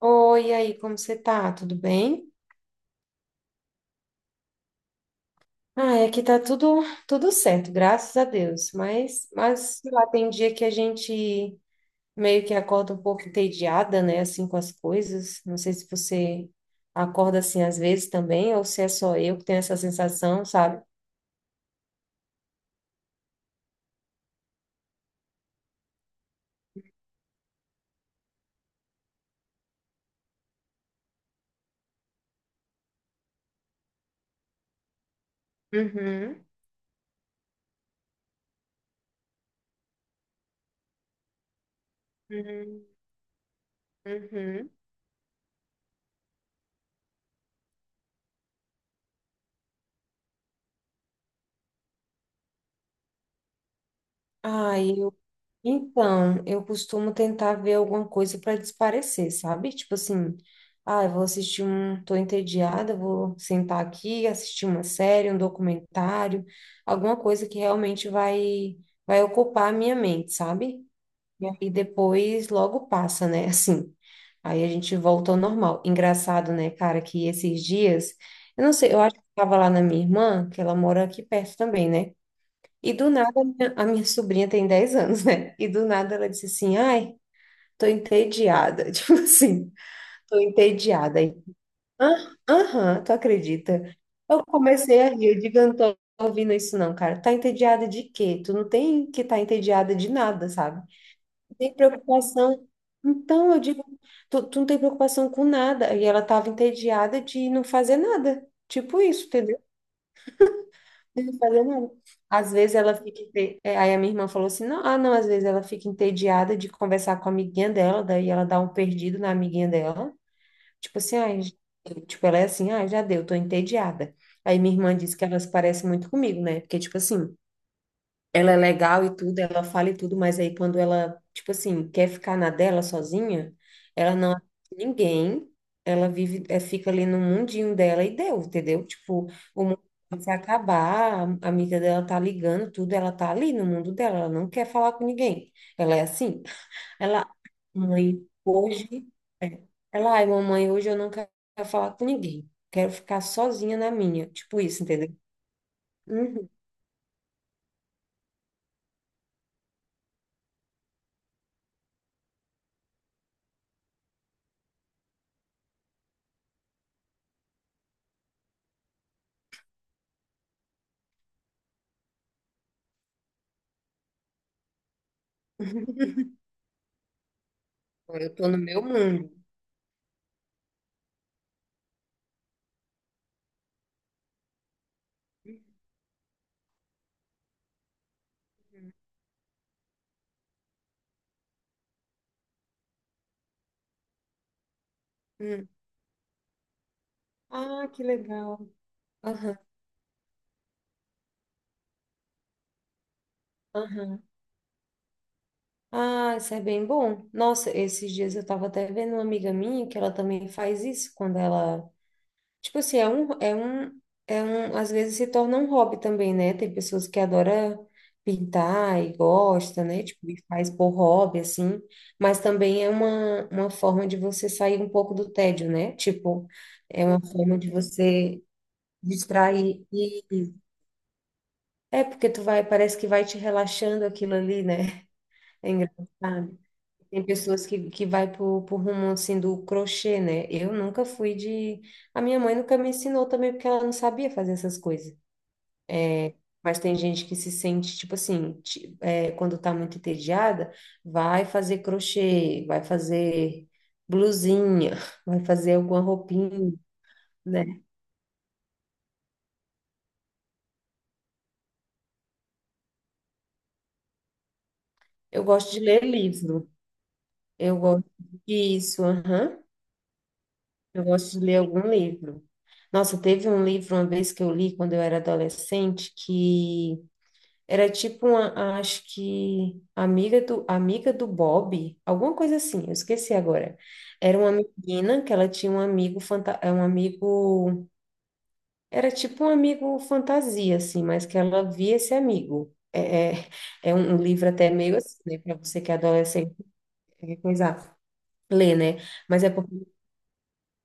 Oi, e aí, como você tá? Tudo bem? Ah, aqui tá tudo certo, graças a Deus. Mas sei lá, tem dia que a gente meio que acorda um pouco entediada, né, assim com as coisas. Não sei se você acorda assim às vezes também, ou se é só eu que tenho essa sensação, sabe? Uhum, uhum, uhum. Ai, então, eu costumo tentar ver alguma coisa para desaparecer, sabe? Tipo assim, ah, eu vou assistir um, tô entediada, vou sentar aqui, assistir uma série, um documentário, alguma coisa que realmente vai ocupar a minha mente, sabe? E aí depois logo passa, né? Assim. Aí a gente volta ao normal. Engraçado, né, cara, que esses dias, eu não sei, eu acho que estava lá na minha irmã, que ela mora aqui perto também, né? E do nada, a minha sobrinha tem 10 anos, né? E do nada ela disse assim: ai, tô entediada. Tipo assim, tô entediada. Aí, "Ah, aham, tu acredita? Eu comecei a rir. Eu digo: eu não tô ouvindo isso, não, cara. Tá entediada de quê? Tu não tem que estar tá entediada de nada, sabe? Tem preocupação. Então, eu digo: tu não tem preocupação com nada. E ela tava entediada de não fazer nada. Tipo isso, entendeu? Não fazer nada. Às vezes ela fica. É, aí a minha irmã falou assim: não, ah, não, às vezes ela fica entediada de conversar com a amiguinha dela, daí ela dá um perdido na amiguinha dela. Tipo assim, ai, tipo, ela é assim, ah, já deu, tô entediada. Aí minha irmã disse que elas parecem muito comigo, né? Porque, tipo assim, ela é legal e tudo, ela fala e tudo, mas aí quando ela, tipo assim, quer ficar na dela sozinha, ela não atende ninguém, ela vive, é, fica ali no mundinho dela e deu, entendeu? Tipo, o mundo vai se acabar, a amiga dela tá ligando, tudo, ela tá ali no mundo dela, ela não quer falar com ninguém. Ela é assim. Ela, mãe, hoje, é, ela, ai, mamãe, hoje eu não quero falar com ninguém. Quero ficar sozinha na minha. Tipo isso, entendeu? Uhum. Eu tô no meu mundo. Uhum. Ah, que legal. Aham, aham. Ah, isso é bem bom. Nossa, esses dias eu tava até vendo uma amiga minha que ela também faz isso quando ela, tipo assim, é um, às vezes se torna um hobby também, né? Tem pessoas que adoram pintar e gosta, né? Tipo, e faz por hobby assim, mas também é uma forma de você sair um pouco do tédio, né? Tipo, é uma forma de você distrair e é porque tu vai, parece que vai te relaxando aquilo ali, né? É engraçado. Tem pessoas que vai pro rumo assim do crochê, né? Eu nunca fui de. A minha mãe nunca me ensinou também, porque ela não sabia fazer essas coisas. Mas tem gente que se sente, tipo assim, é, quando tá muito entediada, vai fazer crochê, vai fazer blusinha, vai fazer alguma roupinha, né? Eu gosto de ler livro. Eu gosto disso, aham. Eu gosto de ler algum livro. Nossa, teve um livro uma vez que eu li quando eu era adolescente que era tipo uma, acho que amiga do Bob, alguma coisa assim, eu esqueci agora. Era uma menina que ela tinha um amigo, era tipo um amigo fantasia assim, mas que ela via esse amigo. É, é um livro até meio assim, né, para você que é adolescente, qualquer coisa ler, né? Mas é porque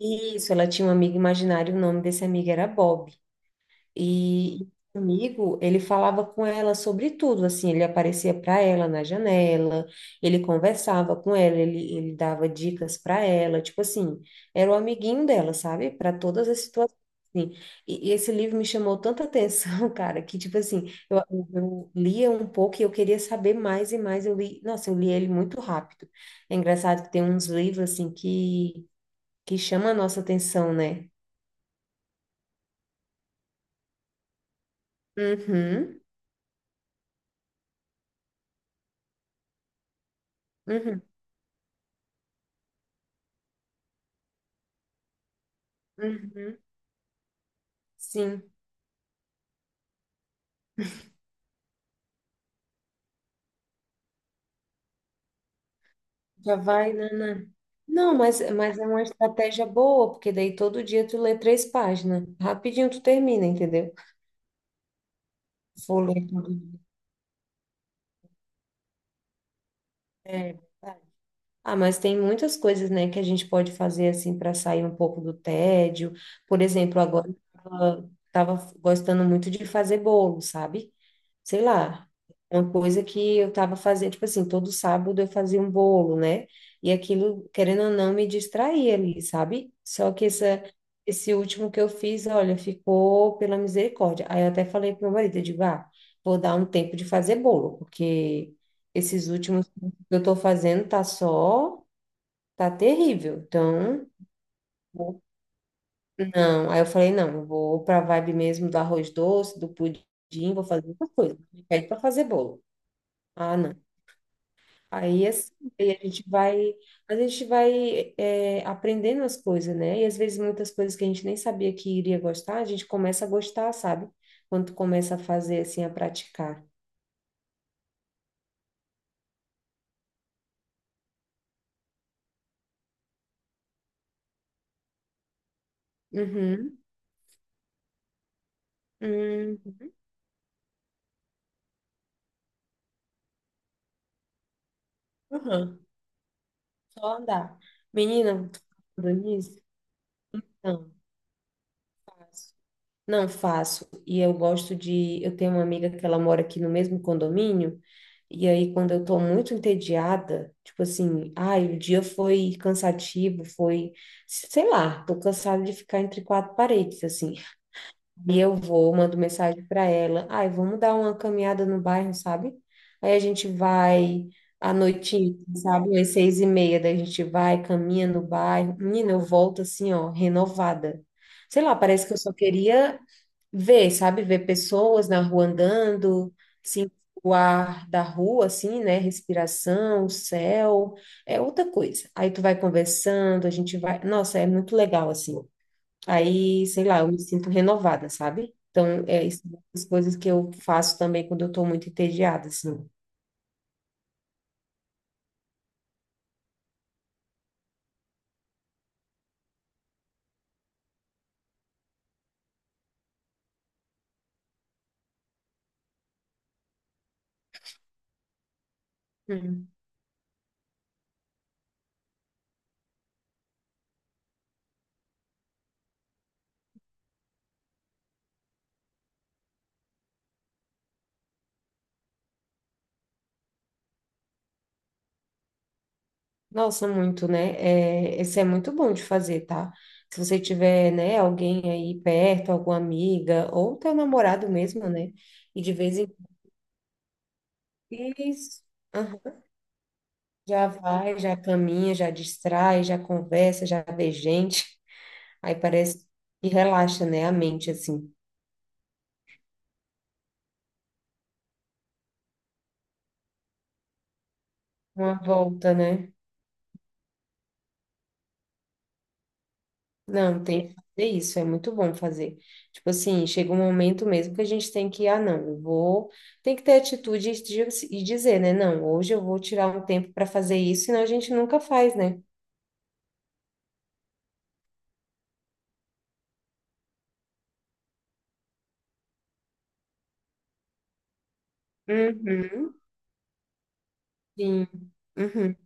isso, ela tinha um amigo imaginário, o nome desse amigo era Bob. E esse amigo, ele falava com ela sobre tudo, assim, ele aparecia para ela na janela, ele conversava com ela, ele dava dicas para ela, tipo assim, era o amiguinho dela, sabe? Para todas as situações. Assim. E esse livro me chamou tanta atenção, cara, que tipo assim, eu lia um pouco e eu queria saber mais e mais. Eu li, nossa, eu li ele muito rápido. É engraçado que tem uns livros assim que chama a nossa atenção, né? Uhum, uhum, uhum, sim, já vai, né? Né. Não, mas é uma estratégia boa, porque daí todo dia tu lê 3 páginas, rapidinho tu termina, entendeu? Vou ler tudo. É, ah, mas tem muitas coisas, né, que a gente pode fazer assim para sair um pouco do tédio. Por exemplo, agora eu estava gostando muito de fazer bolo, sabe? Sei lá, uma coisa que eu tava fazendo, tipo assim, todo sábado eu fazia um bolo, né? E aquilo, querendo ou não, me distraía ali, sabe? Só que esse último que eu fiz, olha, ficou pela misericórdia. Aí eu até falei pro meu marido, eu digo, ah, vou dar um tempo de fazer bolo, porque esses últimos que eu tô fazendo tá só, tá terrível. Então, vou- não. Aí eu falei, não, eu vou pra vibe mesmo do arroz doce, do pudim, vou fazer outra coisa. Me pede pra fazer bolo. Ah, não. Aí assim, aí a gente vai é, aprendendo as coisas, né? E às vezes muitas coisas que a gente nem sabia que iria gostar, a gente começa a gostar, sabe? Quando tu começa a fazer assim, a praticar. Uhum. Hum. Uhum. Só andar. Menina, tu tá falando nisso? Não, tá. Não faço. E eu gosto de. Eu tenho uma amiga que ela mora aqui no mesmo condomínio. E aí, quando eu tô muito entediada, tipo assim, ai, o dia foi cansativo, foi, sei lá, tô cansada de ficar entre quatro paredes, assim. E eu vou, mando mensagem para ela, ai, vamos dar uma caminhada no bairro, sabe? Aí a gente vai à noitinha, assim, sabe? Às 6h30, daí a gente vai, caminha no bairro. Menina, eu volto assim, ó, renovada. Sei lá, parece que eu só queria ver, sabe? Ver pessoas na rua andando, sentir o ar da rua, assim, né? Respiração, o céu, é outra coisa. Aí tu vai conversando, a gente vai. Nossa, é muito legal, assim. Aí, sei lá, eu me sinto renovada, sabe? Então, é isso, são as coisas que eu faço também quando eu tô muito entediada, assim. Hum. Nossa, muito, né? É, esse é muito bom de fazer, tá? Se você tiver, né, alguém aí perto, alguma amiga, ou teu namorado mesmo, né? E de vez em. Isso. Aham. Já vai, já caminha, já distrai, já conversa, já vê gente. Aí parece que relaxa, né? A mente, assim. Uma volta, né? Não, tem que fazer isso. É muito bom fazer. Tipo assim, chega um momento mesmo que a gente tem que, ah, não, eu vou. Tem que ter atitude e e dizer, né? Não, hoje eu vou tirar um tempo para fazer isso, senão a gente nunca faz, né? Uhum, sim. Uhum.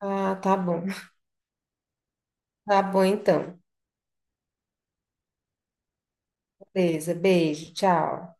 Ah, tá bom. Tá bom, então. Beleza, beijo, tchau.